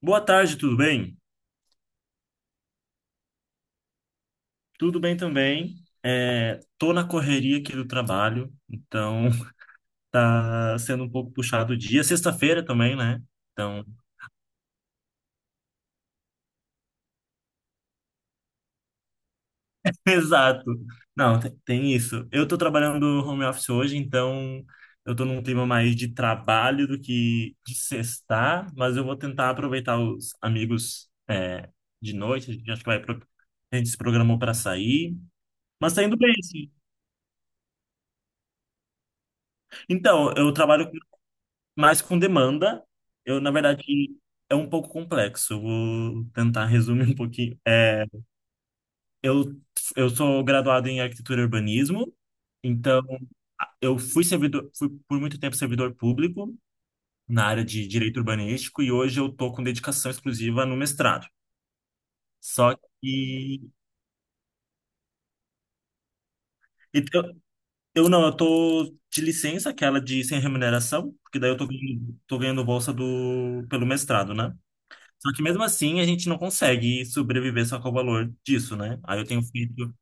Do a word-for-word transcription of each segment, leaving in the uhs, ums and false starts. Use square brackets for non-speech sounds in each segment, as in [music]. Boa tarde, tudo bem? Tudo bem também. É, tô na correria aqui do trabalho, então [laughs] tá sendo um pouco puxado o dia. Sexta-feira também, né? Então, [laughs] exato. Não, tem, tem isso. Eu tô trabalhando home office hoje, então eu tô num clima mais de trabalho do que de sextar, mas eu vou tentar aproveitar os amigos, é, de noite. A gente acho que vai pro- A gente se programou para sair, mas tá indo bem, sim. Então, eu trabalho mas com demanda, eu, na verdade, é um pouco complexo. Vou tentar resumir [laughs] um pouquinho. É, eu, eu sou graduado em arquitetura e urbanismo, então a- eu fui servidor, fui por muito tempo servidor público na área de direito urbanístico e hoje eu tô com dedicação exclusiva no mestrado. Só que e eu, eu não, eu tô de licença, aquela de sem remuneração, porque daí eu tô, ganhando- tô ganhando bolsa do, pelo mestrado, né? Só que mesmo assim a gente não consegue sobreviver só com o valor disso, né? Aí eu tenho feito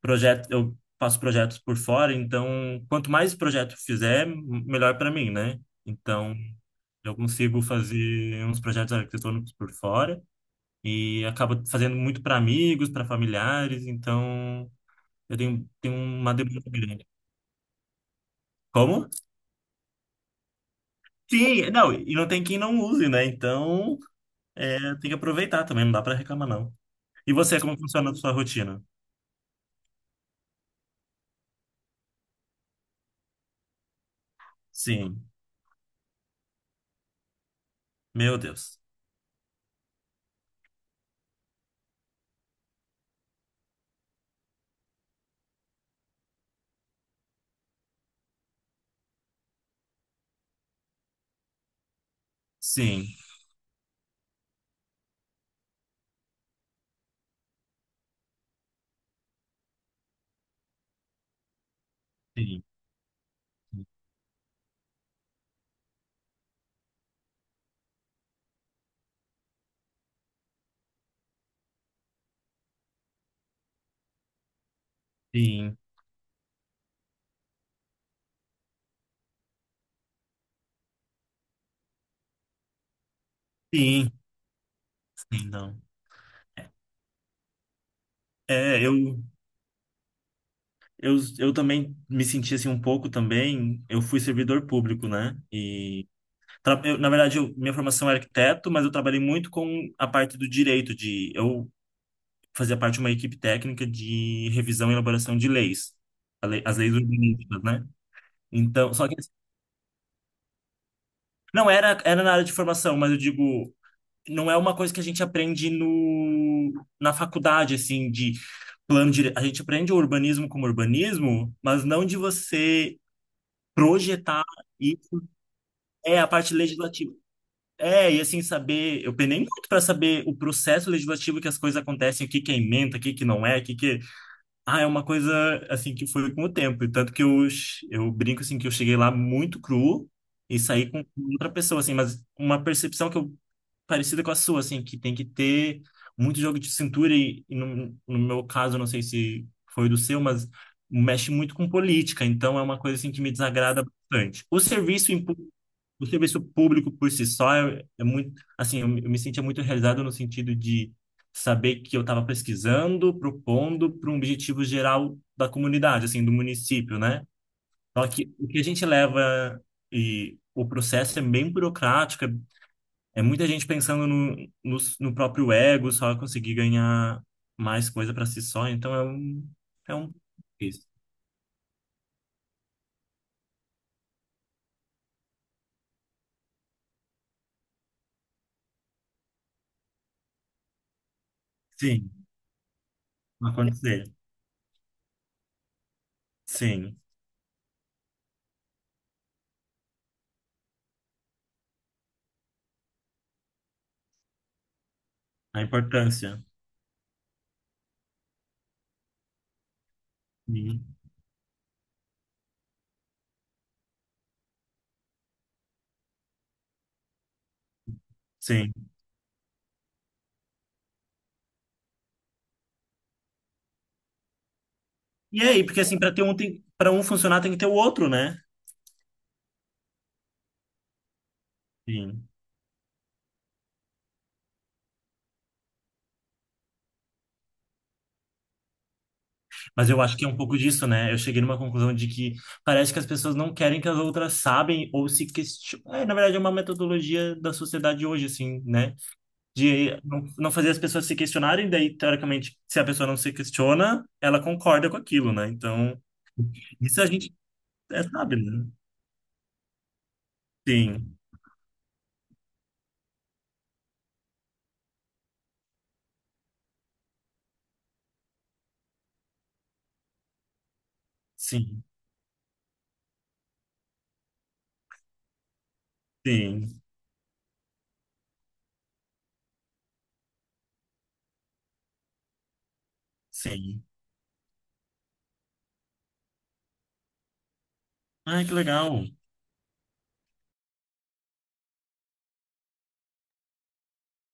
projetos, eu faço projetos por fora, então quanto mais projeto fizer, m- melhor para mim, né? Então eu consigo fazer uns projetos arquitetônicos por fora e acabo fazendo muito para amigos, para familiares, então eu tenho, tenho uma demanda grande. Como? Sim, não, e não tem quem não use, né? Então é, tem que aproveitar também, não dá para reclamar, não. E você, como funciona a sua rotina? Sim. Meu Deus. Sim, sim, sim, sim, sim, não. É, eu, eu, eu também me senti assim um pouco também. Eu fui servidor público, né? E tra- eu, na verdade, eu- minha formação é arquiteto, mas eu trabalhei muito com a parte do direito de eu fazia parte de uma equipe técnica de revisão e elaboração de leis, a lei- as leis urbanísticas, né? Então, só que não era era na área de formação, mas eu digo não é uma coisa que a gente aprende no, na faculdade, assim, de plano dire... A gente aprende o urbanismo como urbanismo, mas não de você projetar isso. É a parte legislativa. É, e assim, saber. Eu penei muito para saber o processo legislativo que as coisas acontecem, o que que é emenda, o que que não é, o que que. É. Ah, é uma coisa, assim, que foi com o tempo. E tanto que eu, eu brinco, assim, que eu cheguei lá muito cru e saí com outra pessoa, assim, mas uma percepção que eu parecida com a sua, assim, que tem que ter muito jogo de cintura e, e no, no meu caso, não sei se foi do seu, mas mexe muito com política, então é uma coisa assim que me desagrada bastante. O serviço em pu- o serviço público por si só é, é muito, assim, eu, me eu me sentia muito realizado no sentido de saber que eu estava pesquisando, propondo para um objetivo geral da comunidade, assim, do município, né? Só que o que a gente leva e o processo é bem burocrático, é é muita gente pensando no, no, no próprio ego, só conseguir ganhar mais coisa para si só. Então é um, é um isso. Sim, acontecer. Sim, a importância. Sim. Sim. E é aí, porque assim, para ter um tem, para um funcionar tem que ter o outro, né? Sim. Mas eu acho que é um pouco disso, né? Eu cheguei numa conclusão de que parece que as pessoas não querem que as outras sabem ou se questionem. É, na verdade, é uma metodologia da sociedade hoje, assim, né? de não não fazer as pessoas se questionarem, daí, teoricamente, se a pessoa não se questiona, ela concorda com aquilo, né? Então, isso a gente é, sabe, né? Sim, sim, sim, sim. Ai, que legal.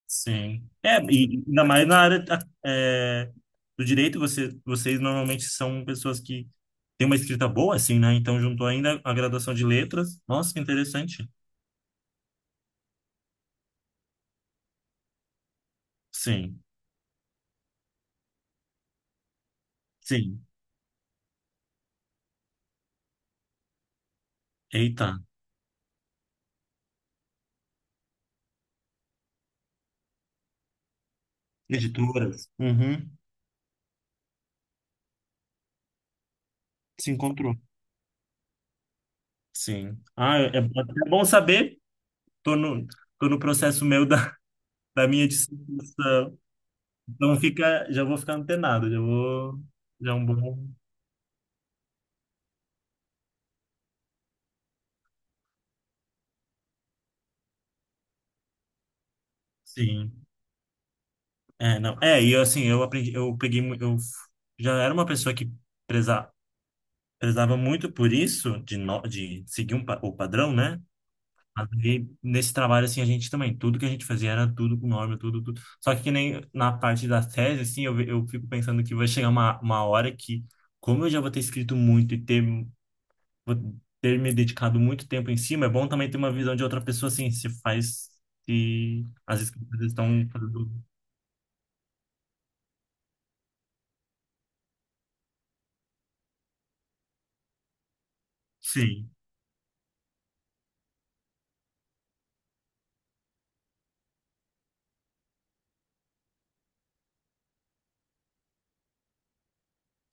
Sim. É, e ainda mais na área a- é, do direito, você, vocês normalmente são pessoas que têm uma escrita boa, assim, né? Então, juntou ainda a graduação de letras. Nossa, que interessante. Sim, sim. Eita. Editoras. Uhum. Se encontrou. Sim. Ah, é é bom saber. Tô no, tô no processo meu da, [laughs] da minha dissertação. Então fica, já vou ficar antenado, já vou, já é um bom. Sim. É, não. É, e eu, assim, eu aprendi, eu peguei, mu- eu f- já era uma pessoa que preza, prezava muito por isso de no, de seguir um, pa- o padrão, né? Mas aí, nesse trabalho, assim, a gente também, tudo que a gente fazia era tudo com norma, tudo, tudo. Só que, que nem na parte da tese, assim, eu, ve- eu fico pensando que vai chegar uma, uma hora que, como eu já vou ter escrito muito e ter, vou ter me dedicado muito tempo em cima, é bom também ter uma visão de outra pessoa, assim, se faz, se as escrituras estão fazendo... Sim,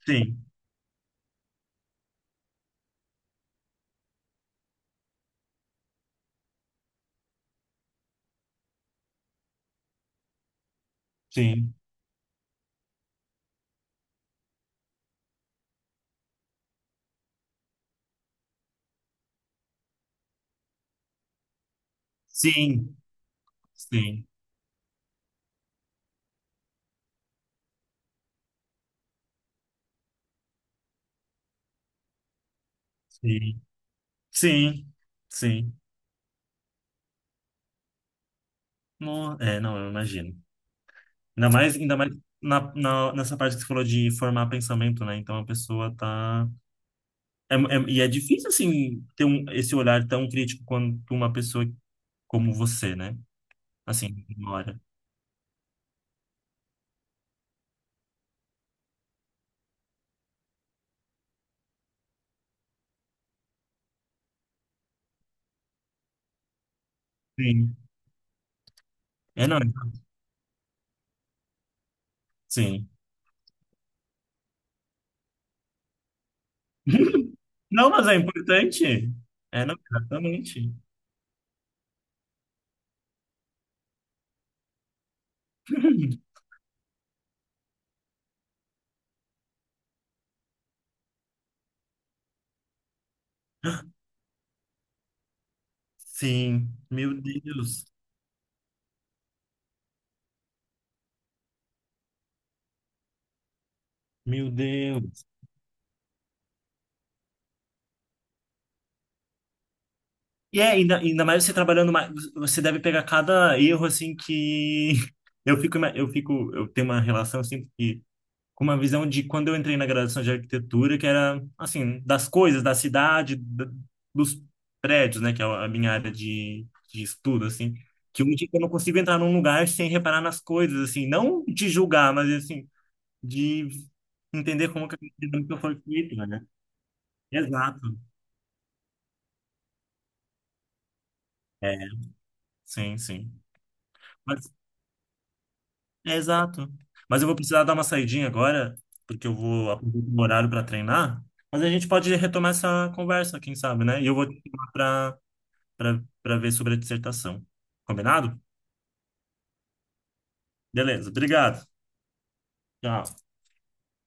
sim, sim, sim, sim, sim, sim, sim. No, é, não, eu imagino. Ainda mais, ainda mais na, na- nessa parte que você falou de formar pensamento, né? Então a pessoa tá. É, é- e é difícil, assim, ter um, esse olhar tão crítico quanto uma pessoa como você, né? Assim, na hora. Sim. É, não, é, sim. [laughs] Não, mas é importante. É, não, exatamente. [laughs] Sim, meu Deus, meu Deus. E é, ainda, ainda mais você trabalhando mais, você deve pegar cada erro assim que [laughs] eu fico, ima- eu fico, eu tenho uma relação assim que com uma visão de quando eu entrei na graduação de arquitetura, que era, assim, das coisas, da cidade, d- dos prédios, né, que é a minha área de, de estudo, assim, que hoje eu não consigo entrar num lugar sem reparar nas coisas, assim, não de julgar, mas, assim, de entender como que a dinâmica foi feita, né? Exato. É, sim, sim. Mas, é exato. Mas eu vou precisar dar uma saidinha agora, porque eu vou aproveitar o horário para treinar. Mas a gente pode retomar essa conversa, quem sabe, né? E eu vou te chamar para para para ver sobre a dissertação. Combinado? Beleza, obrigado. Tchau.